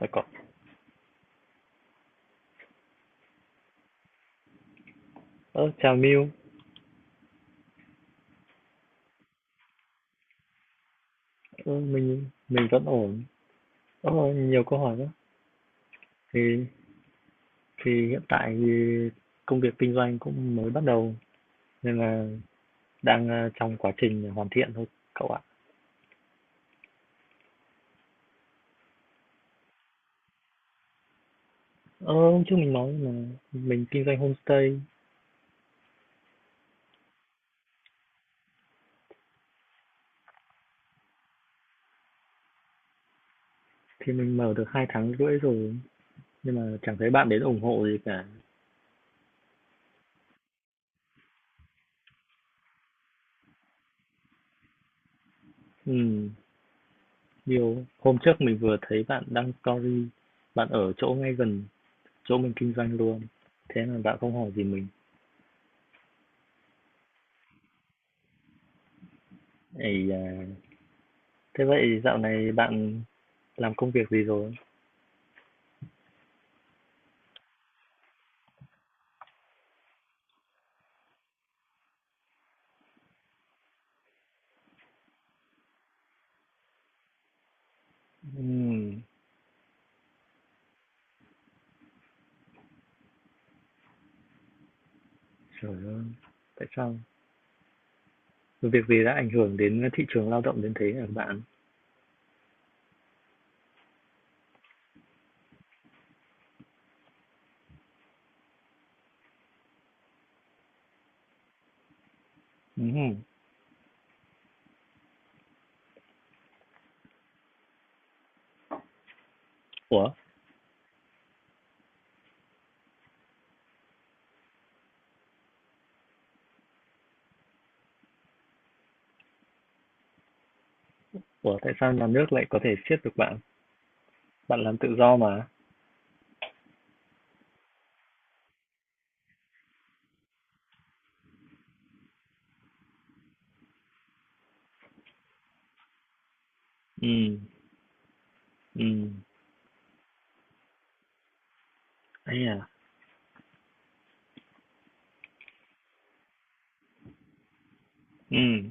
Lại có Chào Miu. Ơ mình mình vẫn ổn. Nhiều câu hỏi quá. thì thì hiện tại thì công việc kinh doanh cũng mới bắt đầu, nên là đang trong quá trình hoàn thiện thôi cậu ạ. Hôm trước mình nói là mình kinh doanh homestay. Thì mình mở được hai tháng rưỡi rồi, nhưng mà chẳng thấy bạn đến ủng hộ gì cả. Ừ, nhiều hôm trước mình vừa thấy bạn đăng story, bạn ở chỗ ngay gần chỗ mình kinh doanh luôn, thế mà bạn không hỏi gì mình. Ấy à, thế vậy dạo này bạn làm công việc gì rồi? Ừm. Trời ơi, tại sao? Việc gì đã ảnh hưởng đến thị trường lao động đến thế hả bạn? Ừm. Ủa, ủa, tại sao nhà nước lại có thể siết được bạn? Bạn làm tự do mà. Ừm. Ừm. Ấy à. Ừm.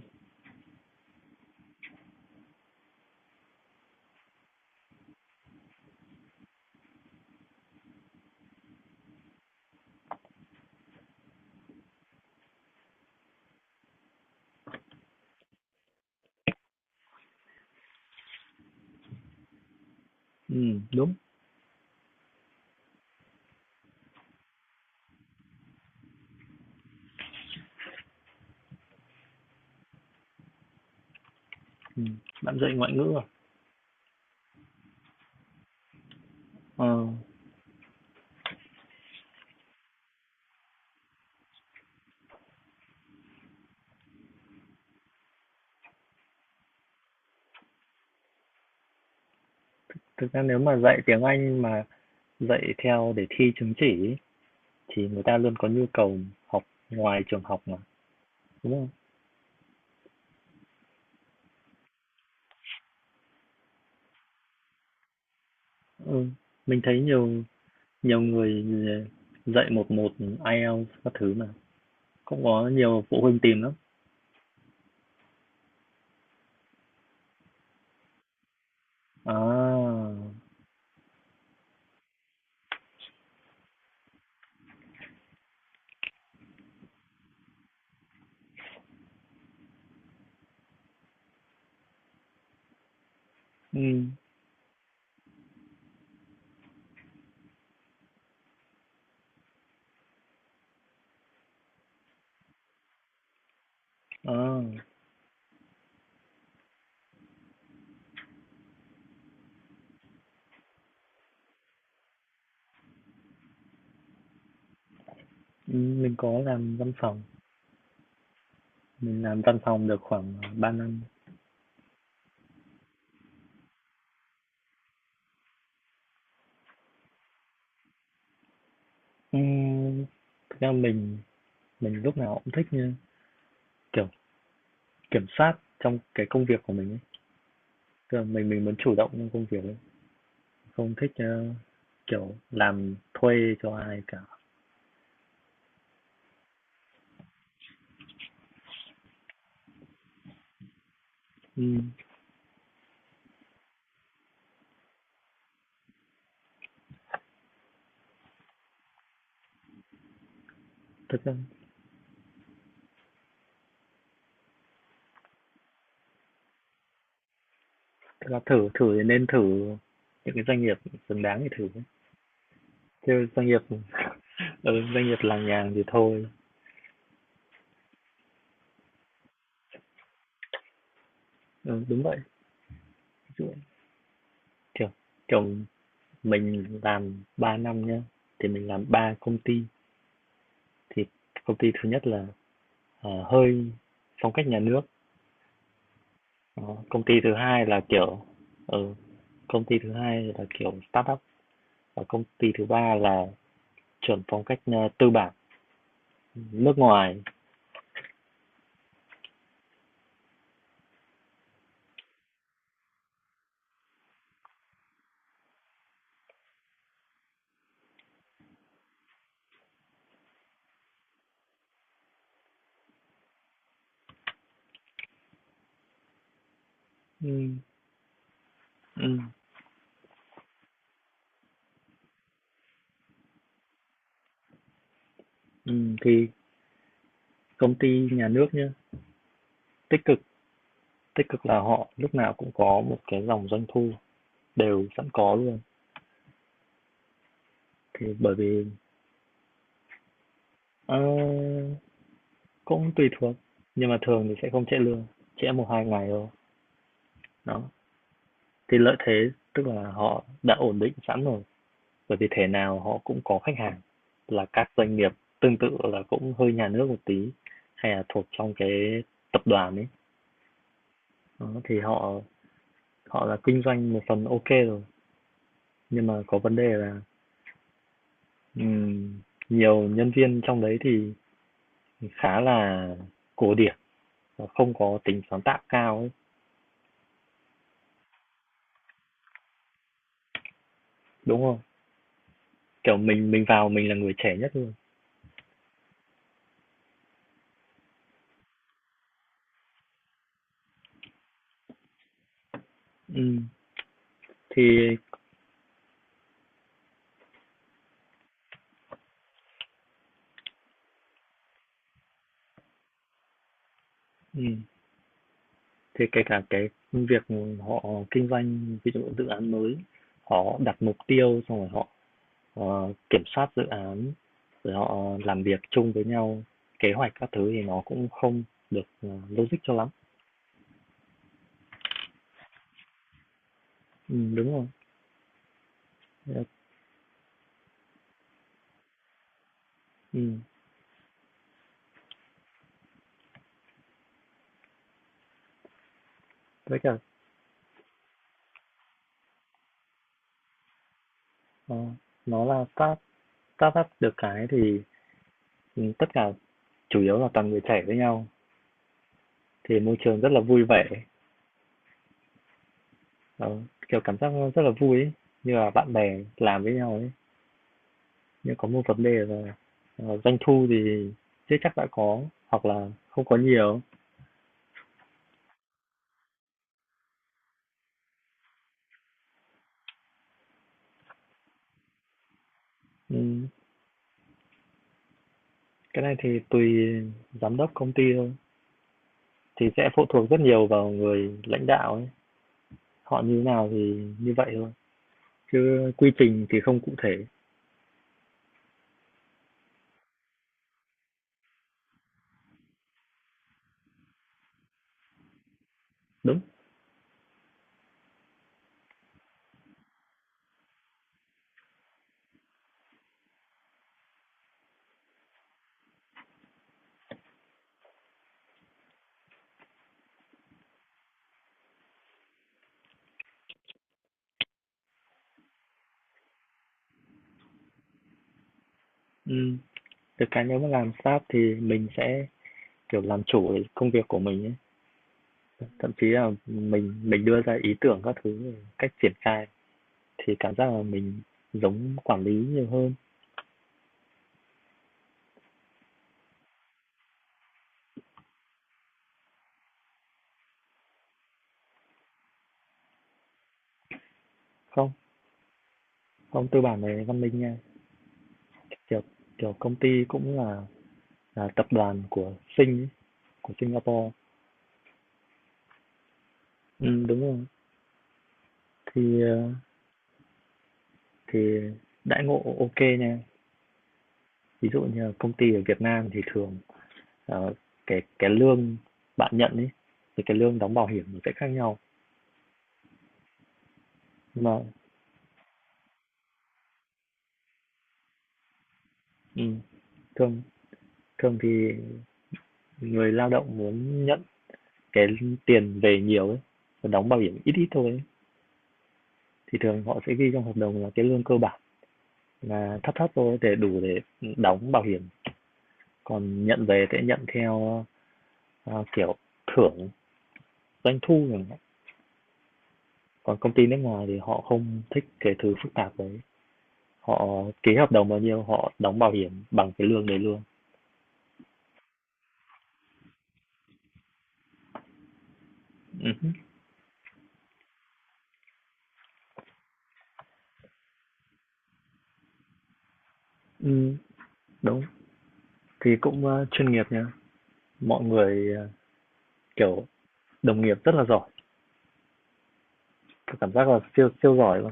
Ừm. Đúng. Ừm. Bạn dạy ngoại ngữ à? Ờ, thực ra nếu mà dạy tiếng Anh mà dạy theo để thi chứng chỉ ý, thì người ta luôn có nhu cầu học ngoài trường học mà, đúng không? Ừ, mình thấy nhiều nhiều người dạy một một IELTS các thứ mà, cũng có nhiều phụ huynh tìm lắm. À. Ừm. À. Ừm. Mình có làm văn phòng, mình làm văn phòng được khoảng 3 năm. Ừm, thực ra mình lúc nào cũng thích như kiểu kiểm soát trong cái công việc của mình ấy, tức là mình muốn chủ động trong công việc ấy, không thích kiểu làm thuê cho ai cả. Ừm. thực ra Thật ra thử thử thì nên thử những cái doanh nghiệp xứng đáng thì thử, chứ doanh nghiệp ừ, doanh nghiệp làng nhàng thì thôi. Ừ, đúng vậy. Ví dụ kiểu kiểu mình làm 3 năm nhá, thì mình làm 3 công ty, thì công ty thứ nhất là, hơi phong cách nhà nước. Đó, công ty thứ hai là, kiểu ừ, công ty thứ hai là, kiểu, startup, và công ty thứ ba là chuẩn phong cách, tư bản, nước ngoài. Ừm. Ừm. Ừm. Thì công ty nhà nước nhá, tích cực, tích cực là họ lúc nào cũng có một cái dòng doanh thu đều sẵn có luôn. Thì bởi vì ờ, Cũng tùy thuộc, nhưng mà thường thì sẽ không trễ lương, trễ một hai ngày thôi. Đó, thì lợi thế tức là họ đã ổn định sẵn rồi, bởi vì thế nào họ cũng có khách hàng là các doanh nghiệp tương tự, là cũng hơi nhà nước một tí hay là thuộc trong cái tập đoàn ấy. Đó, thì họ họ là kinh doanh một phần ok rồi, nhưng mà có vấn đề là Ừm, nhiều nhân viên trong đấy thì khá là cổ điển và không có tính sáng tạo cao ấy, đúng không? Kiểu mình vào mình là người trẻ nhất luôn. Ừm, thì ừm, thì kể cả cái việc họ kinh doanh ví dụ dự án mới, họ đặt mục tiêu xong rồi họ kiểm soát dự án, rồi họ làm việc chung với nhau, kế hoạch các thứ thì nó cũng không được logic cho lắm. Đúng rồi. Ờ. Ừ, với cả ờ, nó là start start up, được cái thì tất cả chủ yếu là toàn người trẻ với nhau, thì môi trường rất là vui vẻ. Ờ, kiểu cảm giác rất là vui ấy, như là bạn bè làm với nhau ấy. Nhưng có một vấn đề là doanh thu thì chưa chắc đã có, hoặc là không có nhiều. Ừ, cái này thì tùy giám đốc công ty thôi, thì sẽ phụ thuộc rất nhiều vào người lãnh đạo ấy, họ như thế nào thì như vậy thôi, chứ quy trình thì không cụ thể. Đúng. Ừ, được cái nếu mà làm staff thì mình sẽ kiểu làm chủ cái công việc của mình ấy. Thậm chí là mình đưa ra ý tưởng các thứ, cách triển khai, thì cảm giác là mình giống quản lý nhiều hơn. Không, không, tư bản này văn minh nha. Kiểu Kiểu công ty cũng là tập đoàn của Sing ấy, của Singapore. Ừ, đúng rồi. Thì ờ, thì đãi ngộ ok nha. Ví dụ như là công ty ở Việt Nam thì thường ờ, cái lương bạn nhận ấy, thì cái lương đóng bảo hiểm nó sẽ khác nhau. Nhưng Mà ừ, thường thường thì người lao động muốn nhận cái tiền về nhiều ấy, còn đóng bảo hiểm ít ít thôi ấy, thì thường họ sẽ ghi trong hợp đồng là cái lương cơ bản là thấp thấp thôi để đủ để đóng bảo hiểm, còn nhận về sẽ nhận theo à, kiểu thưởng doanh thu chẳng hạn. Còn công ty nước ngoài thì họ không thích cái thứ phức tạp đấy, họ ký hợp đồng bao nhiêu họ đóng bảo hiểm bằng cái lương đấy luôn. Ừ. Ừ, đúng, thì cũng chuyên nghiệp nha, mọi người kiểu đồng nghiệp rất là giỏi, tôi cảm giác là siêu siêu giỏi luôn.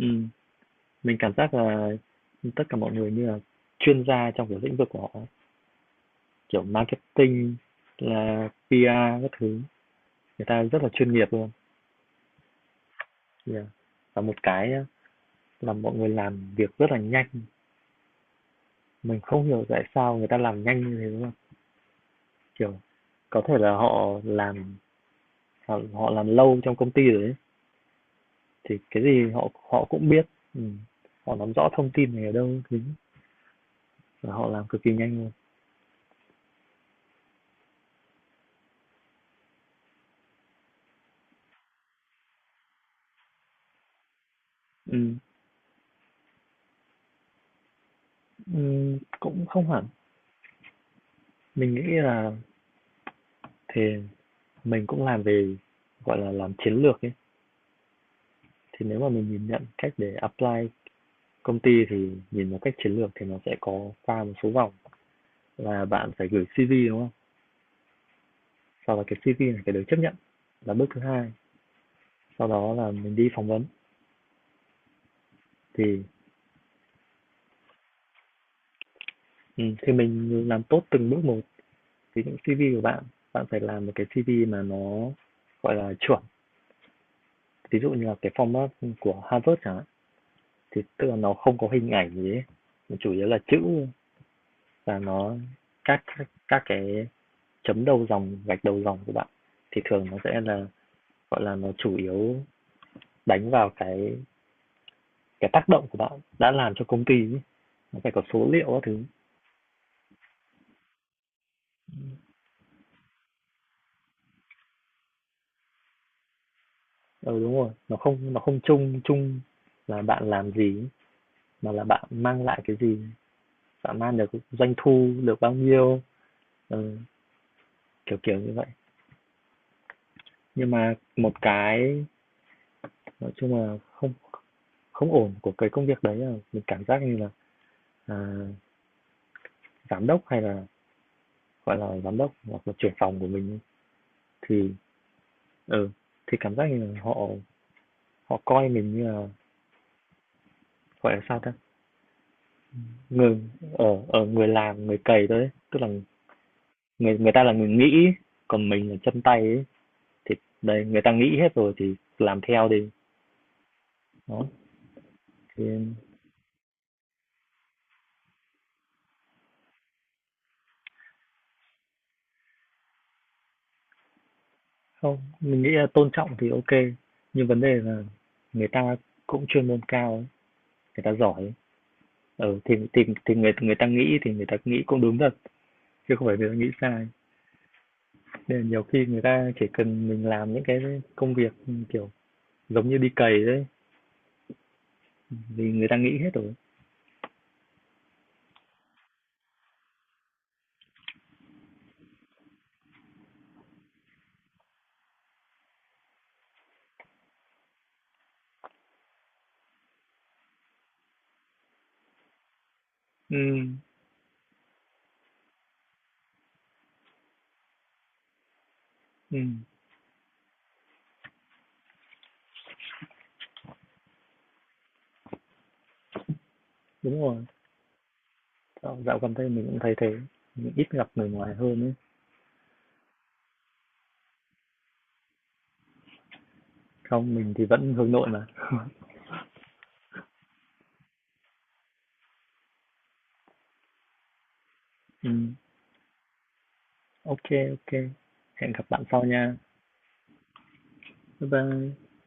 Ừ, mình cảm giác là tất cả mọi người như là chuyên gia trong cái lĩnh vực của họ ấy. Kiểu marketing là PR các thứ, người ta rất là chuyên nghiệp luôn. Yeah. Và một cái á, là mọi người làm việc rất là nhanh, mình không hiểu tại sao người ta làm nhanh như thế, đúng không? Kiểu có thể là họ làm lâu trong công ty rồi ấy, thì cái gì họ họ cũng biết. Ừ, họ nắm rõ thông tin này ở đâu thứ và họ làm cực kỳ nhanh luôn. Ừ. Cũng không hẳn. Mình nghĩ là thì mình cũng làm về, gọi là, làm chiến lược ấy, thì nếu mà mình nhìn nhận cách để apply công ty thì nhìn vào cách chiến lược thì nó sẽ có qua một số vòng, là bạn phải gửi CV, đúng không? Sau đó cái CV này phải được chấp nhận là bước thứ hai, sau đó là mình đi phỏng vấn. Thì, thì mình làm tốt từng bước một. Ví dụ CV của bạn, bạn phải làm một cái CV mà nó, gọi là, chuẩn, ví dụ như là cái format, của Harvard chẳng hạn. Thì tức là nó không có hình ảnh gì ấy, nó chủ yếu là chữ, và nó các cái chấm đầu dòng gạch đầu dòng của bạn thì thường nó sẽ là gọi là nó chủ yếu đánh vào cái tác động của bạn đã làm cho công ty ấy. Nó phải có số liệu các thứ. Ừ đúng rồi, nó không chung chung là bạn làm gì, mà là bạn mang lại cái gì, bạn mang được doanh thu được bao nhiêu. Ừ, kiểu kiểu như vậy. Nhưng mà một cái nói chung là không không ổn của cái công việc đấy là mình cảm giác như là à, giám đốc hay là gọi là giám đốc hoặc là trưởng phòng của mình, thì ừ thì cảm giác như là họ họ coi mình như là, gọi là sao ta, người ở ở người làm người cày thôi ấy, tức là người người ta là người nghĩ, còn mình là chân tay ấy, thì đây người ta nghĩ hết rồi thì làm theo đi. Đó, thì không mình nghĩ là tôn trọng thì ok, nhưng vấn đề là người ta cũng chuyên môn cao ấy, người ta giỏi ấy. Ừ, thì người người ta nghĩ cũng đúng thật, chứ không phải người ta nghĩ sai. Nên là nhiều khi người ta chỉ cần mình làm những cái công việc kiểu giống như đi cày đấy, thì người ta nghĩ hết rồi. Ừ. Ừ, đúng rồi, dạo gần đây mình cũng thấy thế, mình ít gặp người ngoài hơn ấy. Không mình thì vẫn hướng nội mà ừ, ok, ok, hẹn gặp bạn sau nha. Bye bye.